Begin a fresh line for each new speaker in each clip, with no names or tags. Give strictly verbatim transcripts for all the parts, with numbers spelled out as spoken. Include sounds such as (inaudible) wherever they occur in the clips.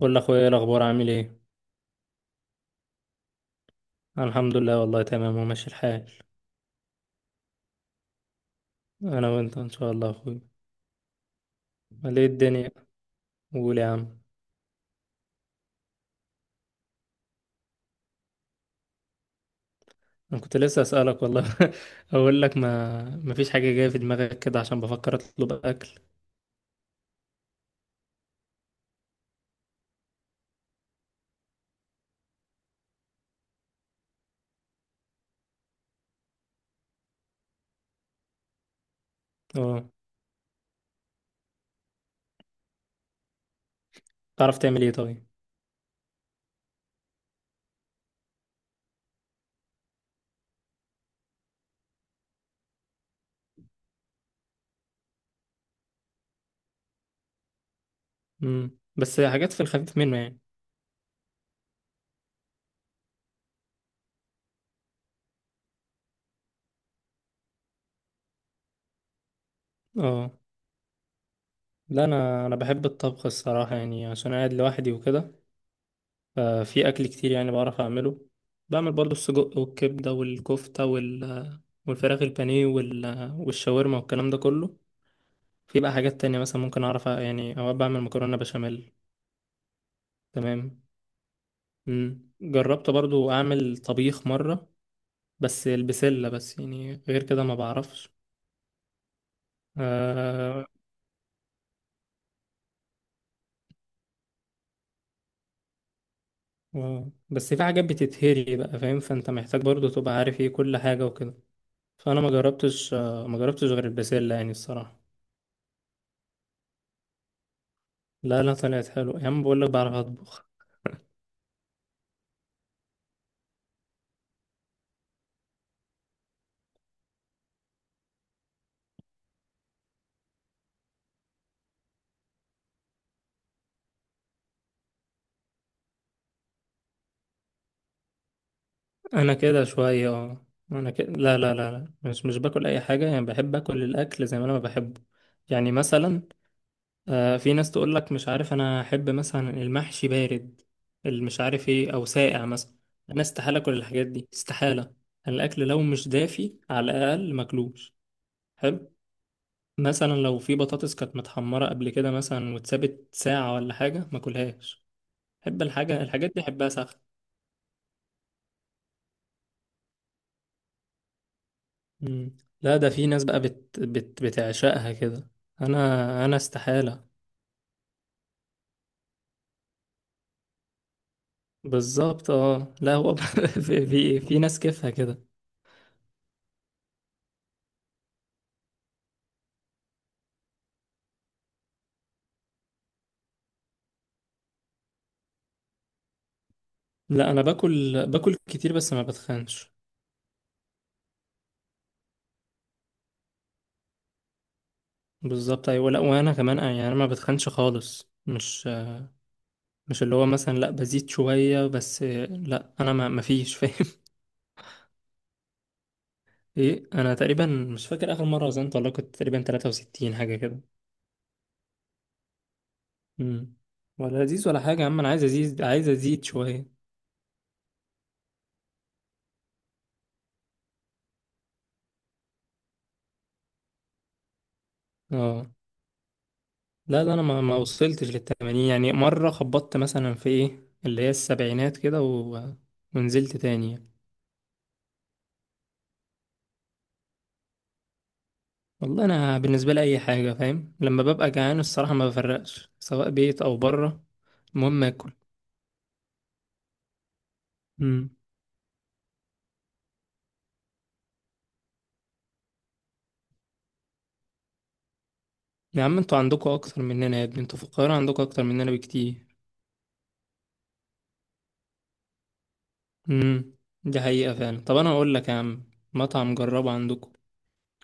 قول لاخويا ايه الاخبار عامل ايه. أنا الحمد لله والله تمام وماشي الحال. انا وانت ان شاء الله يا اخويا. ليه الدنيا. قول يا عم، انا كنت لسه اسالك والله. (laughs) اقول لك ما ما فيش حاجه جايه في دماغك كده عشان بفكر اطلب اكل. اه، تعرف تعمل ايه طيب؟ امم بس حاجات في الخفيف منه يعني. اه لا، انا انا بحب الطبخ الصراحه يعني عشان قاعد لوحدي وكده. ففي أكل كتير يعني بعرف أعمله، بعمل برضو السجق والكبدة والكفتة وال... والفراخ البانيه وال... والشاورما والكلام ده كله. في بقى حاجات تانية مثلا ممكن أعرف أ- يعني أوقات بعمل مكرونة بشاميل. تمام. مم. جربت برضو أعمل طبيخ مرة، بس البسلة بس يعني، غير كده ما بعرفش. آه... آه، بس في حاجات بتتهري بقى، فاهم؟ فأنت محتاج برضو تبقى عارف ايه كل حاجة وكده. فأنا ما جربتش، آه، ما جربتش غير البسلة يعني الصراحة. لا لا، طلعت حلو يا عم، بقول لك بعرف اطبخ. انا كده شويه اه. انا كده، لا لا لا لا، مش مش باكل اي حاجه، يعني بحب اكل الاكل زي ما انا ما بحبه. يعني مثلا، آه، في ناس تقول لك مش عارف، انا احب مثلا المحشي بارد، اللي مش عارف ايه، او ساقع مثلا. انا استحاله اكل الحاجات دي استحاله. الاكل لو مش دافي على الاقل ماكلوش. حلو. مثلا لو في بطاطس كانت متحمره قبل كده مثلا واتسابت ساعه ولا حاجه ماكلهاش. احب الحاجه الحاجات دي احبها ساخنه. مم. لا، ده في ناس بقى بت... بت... بتعشقها كده. انا انا استحالة. بالظبط اه، لا هو (laughs) في... في في ناس كيفها كده. لا انا باكل باكل كتير بس ما بتخنش. بالظبط ايوه، لا وانا كمان آه، يعني انا ما بتخنش خالص، مش مش اللي هو مثلا، لا بزيد شوية بس آه، لا انا ما ما فيش (laughs) فاهم. ايه، انا تقريبا مش فاكر اخر مرة وزنت والله، كنت تقريبا ثلاثة وستين حاجة كده. مم. ولا ازيد ولا حاجة يا عم، انا عايز ازيد، عايز ازيد شوية. اه لا لا، انا ما ما وصلتش للتمانين، يعني مره خبطت مثلا في ايه اللي هي السبعينات كده و... ونزلت تاني يعني. والله انا بالنسبه لي اي حاجه، فاهم؟ لما ببقى جعان الصراحه ما بفرقش سواء بيت او بره، المهم اكل. امم. يا عم انتوا عندكوا اكتر مننا يا ابني، انتوا في القاهره عندكوا اكتر مننا بكتير. امم، دي حقيقه فعلا. طب انا اقول لك يا عم مطعم جربه عندكوا،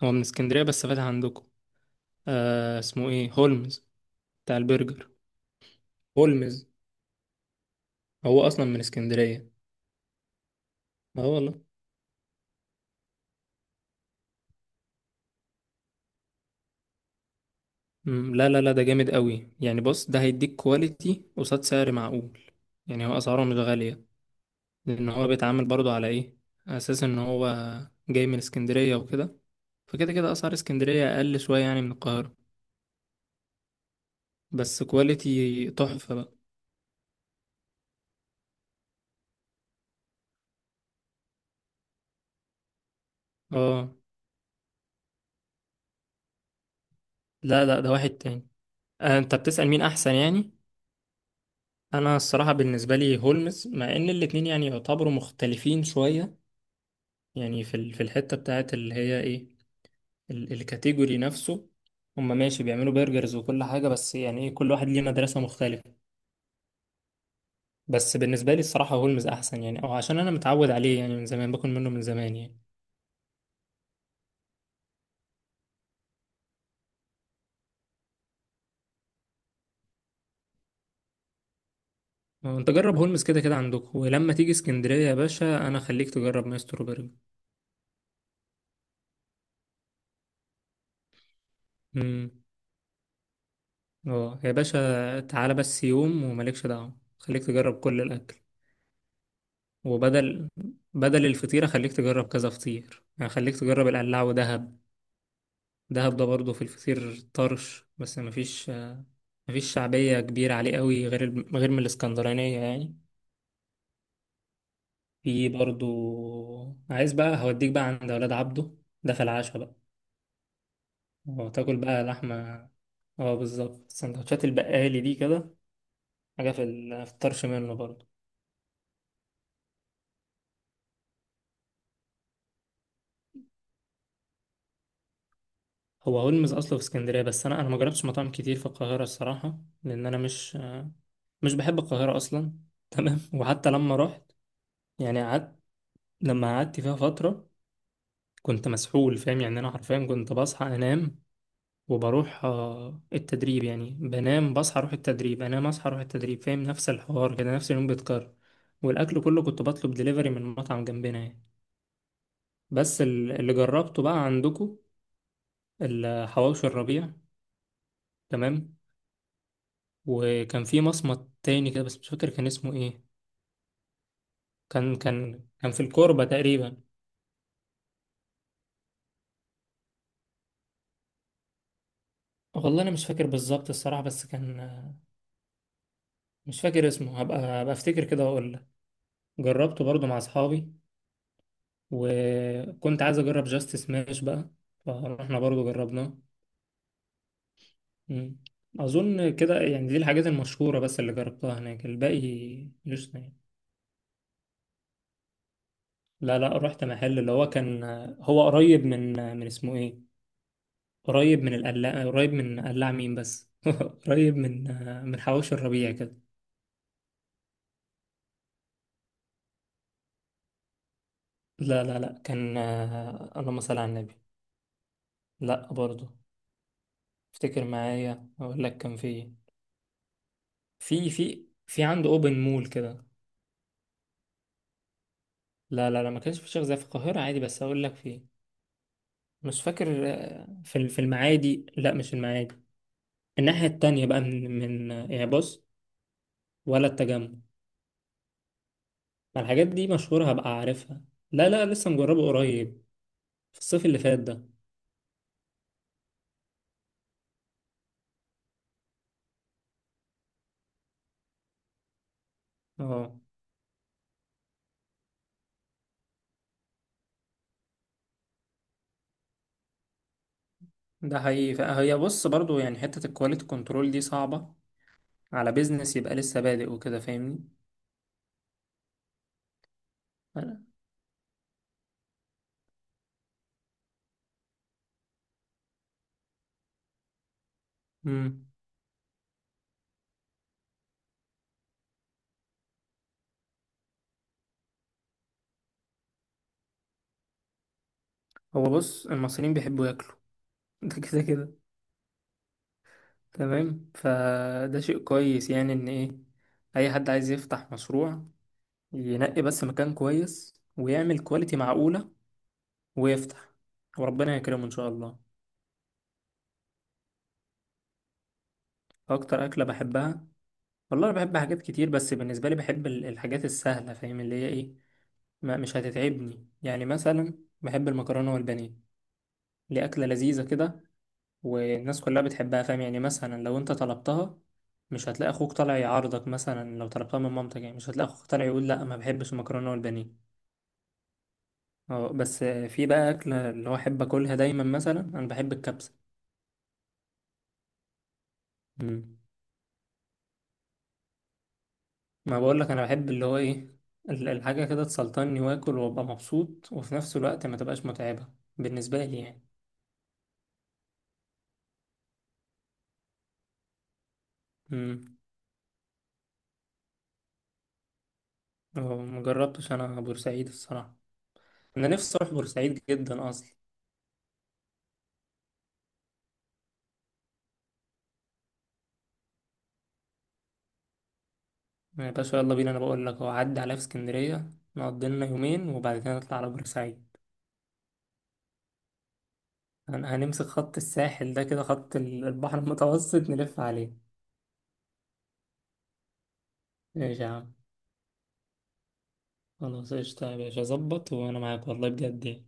هو من اسكندريه بس فاتح عندكوا. آه اسمه ايه، هولمز، بتاع البرجر. هولمز، هو اصلا من اسكندريه. اه والله. مم، لا لا لا، ده جامد قوي يعني. بص، ده هيديك كواليتي قصاد سعر معقول، يعني هو اسعاره مش غالية، لان هو بيتعامل برضو على ايه، اساس ان هو جاي من اسكندرية وكده، فكده كده اسعار اسكندرية اقل شوية يعني من القاهرة، بس كواليتي تحفة بقى. اه لا لا، ده واحد تاني. آه، انت بتسأل مين احسن يعني. انا الصراحة بالنسبة لي هولمز، مع ان الاتنين يعني يعتبروا مختلفين شوية، يعني في ال- في الحتة بتاعت اللي هي ايه، ال- الكاتيجوري نفسه. هم ماشي بيعملوا برجرز وكل حاجة، بس يعني ايه، كل واحد ليه مدرسة مختلفة. بس بالنسبة لي الصراحة هولمز أحسن، يعني أو عشان أنا متعود عليه يعني، من زمان باكل منه من زمان يعني. أه، أنت جرب هولمز كده كده عندك، ولما تيجي اسكندرية يا باشا أنا خليك تجرب مايسترو برجر. أمم. أه يا باشا تعالى بس يوم ومالكش دعوة، خليك تجرب كل الأكل. وبدل، بدل الفطيرة خليك تجرب كذا فطير، يعني خليك تجرب القلاع ودهب. دهب ده برضه في الفطير طرش، بس مفيش، مفيش شعبية كبيرة عليه قوي غير ال- غير من الإسكندرانية يعني. في برضو، عايز بقى هوديك بقى عند أولاد عبده، ده في العشاء بقى، وتاكل بقى لحمة. اه بالظبط، سندوتشات البقالي دي كده. حاجة في ال- في الطرش منه برضو. هو هولمز أصله في اسكندرية، بس أنا، أنا ما جربتش مطاعم كتير في القاهرة الصراحة، لأن أنا مش، مش بحب القاهرة أصلا. تمام. (laughs) وحتى لما رحت يعني قعدت، لما قعدت فيها فترة كنت مسحول، فاهم؟ يعني أنا حرفيا كنت بصحى أنام، وبروح آه، التدريب، يعني بنام بصحى اروح التدريب، انام اصحى اروح التدريب، فاهم؟ نفس الحوار كده، نفس اليوم بيتكرر. والاكل كله كنت بطلب دليفري من مطعم جنبنا يعني. بس ال- اللي جربته بقى عندكم، الحواوشي الربيع، تمام، وكان في مصمت تاني كده، بس مش فاكر كان اسمه ايه. كان كان كان في الكوربة تقريبا. والله انا مش فاكر بالظبط الصراحة، بس كان آه، مش فاكر اسمه، هبقى هبقى افتكر كده واقول لك. جربته برضو مع اصحابي، وكنت عايز اجرب جاست سماش بقى، فاحنا برضو جربناه. مم. اظن كده يعني، دي الحاجات المشهوره بس اللي جربتها هناك، الباقي مش يعني. لا لا، رحت محل اللي هو كان، هو قريب من، من اسمه ايه، قريب من القلاع، قريب من قلاع مين بس (laughs) قريب من، من حواوشي الربيع كده. لا لا لا، كان، اللهم صل على النبي، لا برضو، افتكر معايا اقول لك كان في إيه. في في في عنده اوبن مول كده. لا لا لا، ما كانش في شيخ زي في القاهرة عادي، بس هقول لك فين. مش فاكر آه، في في المعادي، لا مش المعادي، الناحية التانية بقى من من آه، يعني بص، ولا التجمع. ما الحاجات دي مشهورة هبقى عارفها. لا لا، لسه مجربه قريب، في الصيف اللي فات ده. اه، ده حقيقي، هي بص برضو يعني حتة الكواليتي كنترول دي صعبة، على بيزنس يبقى لسه بادئ وكده، فاهمني؟ امم، هو بص المصريين بيحبوا ياكلوا (laughs) ده كده كده. تمام، فده شيء كويس يعني، ان ايه، اي حد عايز يفتح مشروع ينقي بس مكان كويس ويعمل كواليتي معقولة، ويفتح، وربنا يكرمه ان شاء الله. اكتر اكلة بحبها، والله انا بحب حاجات كتير، بس بالنسبة لي بحب ال- الحاجات السهلة، فاهم؟ اللي هي ايه، ما مش هتتعبني يعني، مثلا بحب المكرونة والبانيه، اللي اكلة لذيذة كده، والناس كلها بتحبها، فاهم؟ يعني مثلا لو انت طلبتها، مش هتلاقي اخوك طالع يعارضك، مثلا لو طلبتها من مامتك يعني مش هتلاقي اخوك طالع يقول لا ما بحبش المكرونه والبانيه. اه، بس في بقى اكله اللي هو احب اكلها دايما، مثلا انا بحب الكبسه. مم. ما بقول لك انا بحب اللي هو ايه، ال- الحاجه كده تسلطني واكل وابقى مبسوط، وفي نفس الوقت ما تبقاش متعبه، بالنسبه لي يعني. امم. مجربتش انا بورسعيد الصراحه، انا نفسي اروح بورسعيد جدا اصلا. يا باشا يلا بينا، انا بقول لك هو عدى عليا في اسكندريه، نقضي لنا يومين وبعد كده نطلع على بورسعيد. هن- هنمسك خط الساحل ده كده، خط ال- البحر المتوسط، نلف عليه. ماشي يا عم. خلاص قشطة يا باشا، ظبط وانا معاك والله بجد يعني.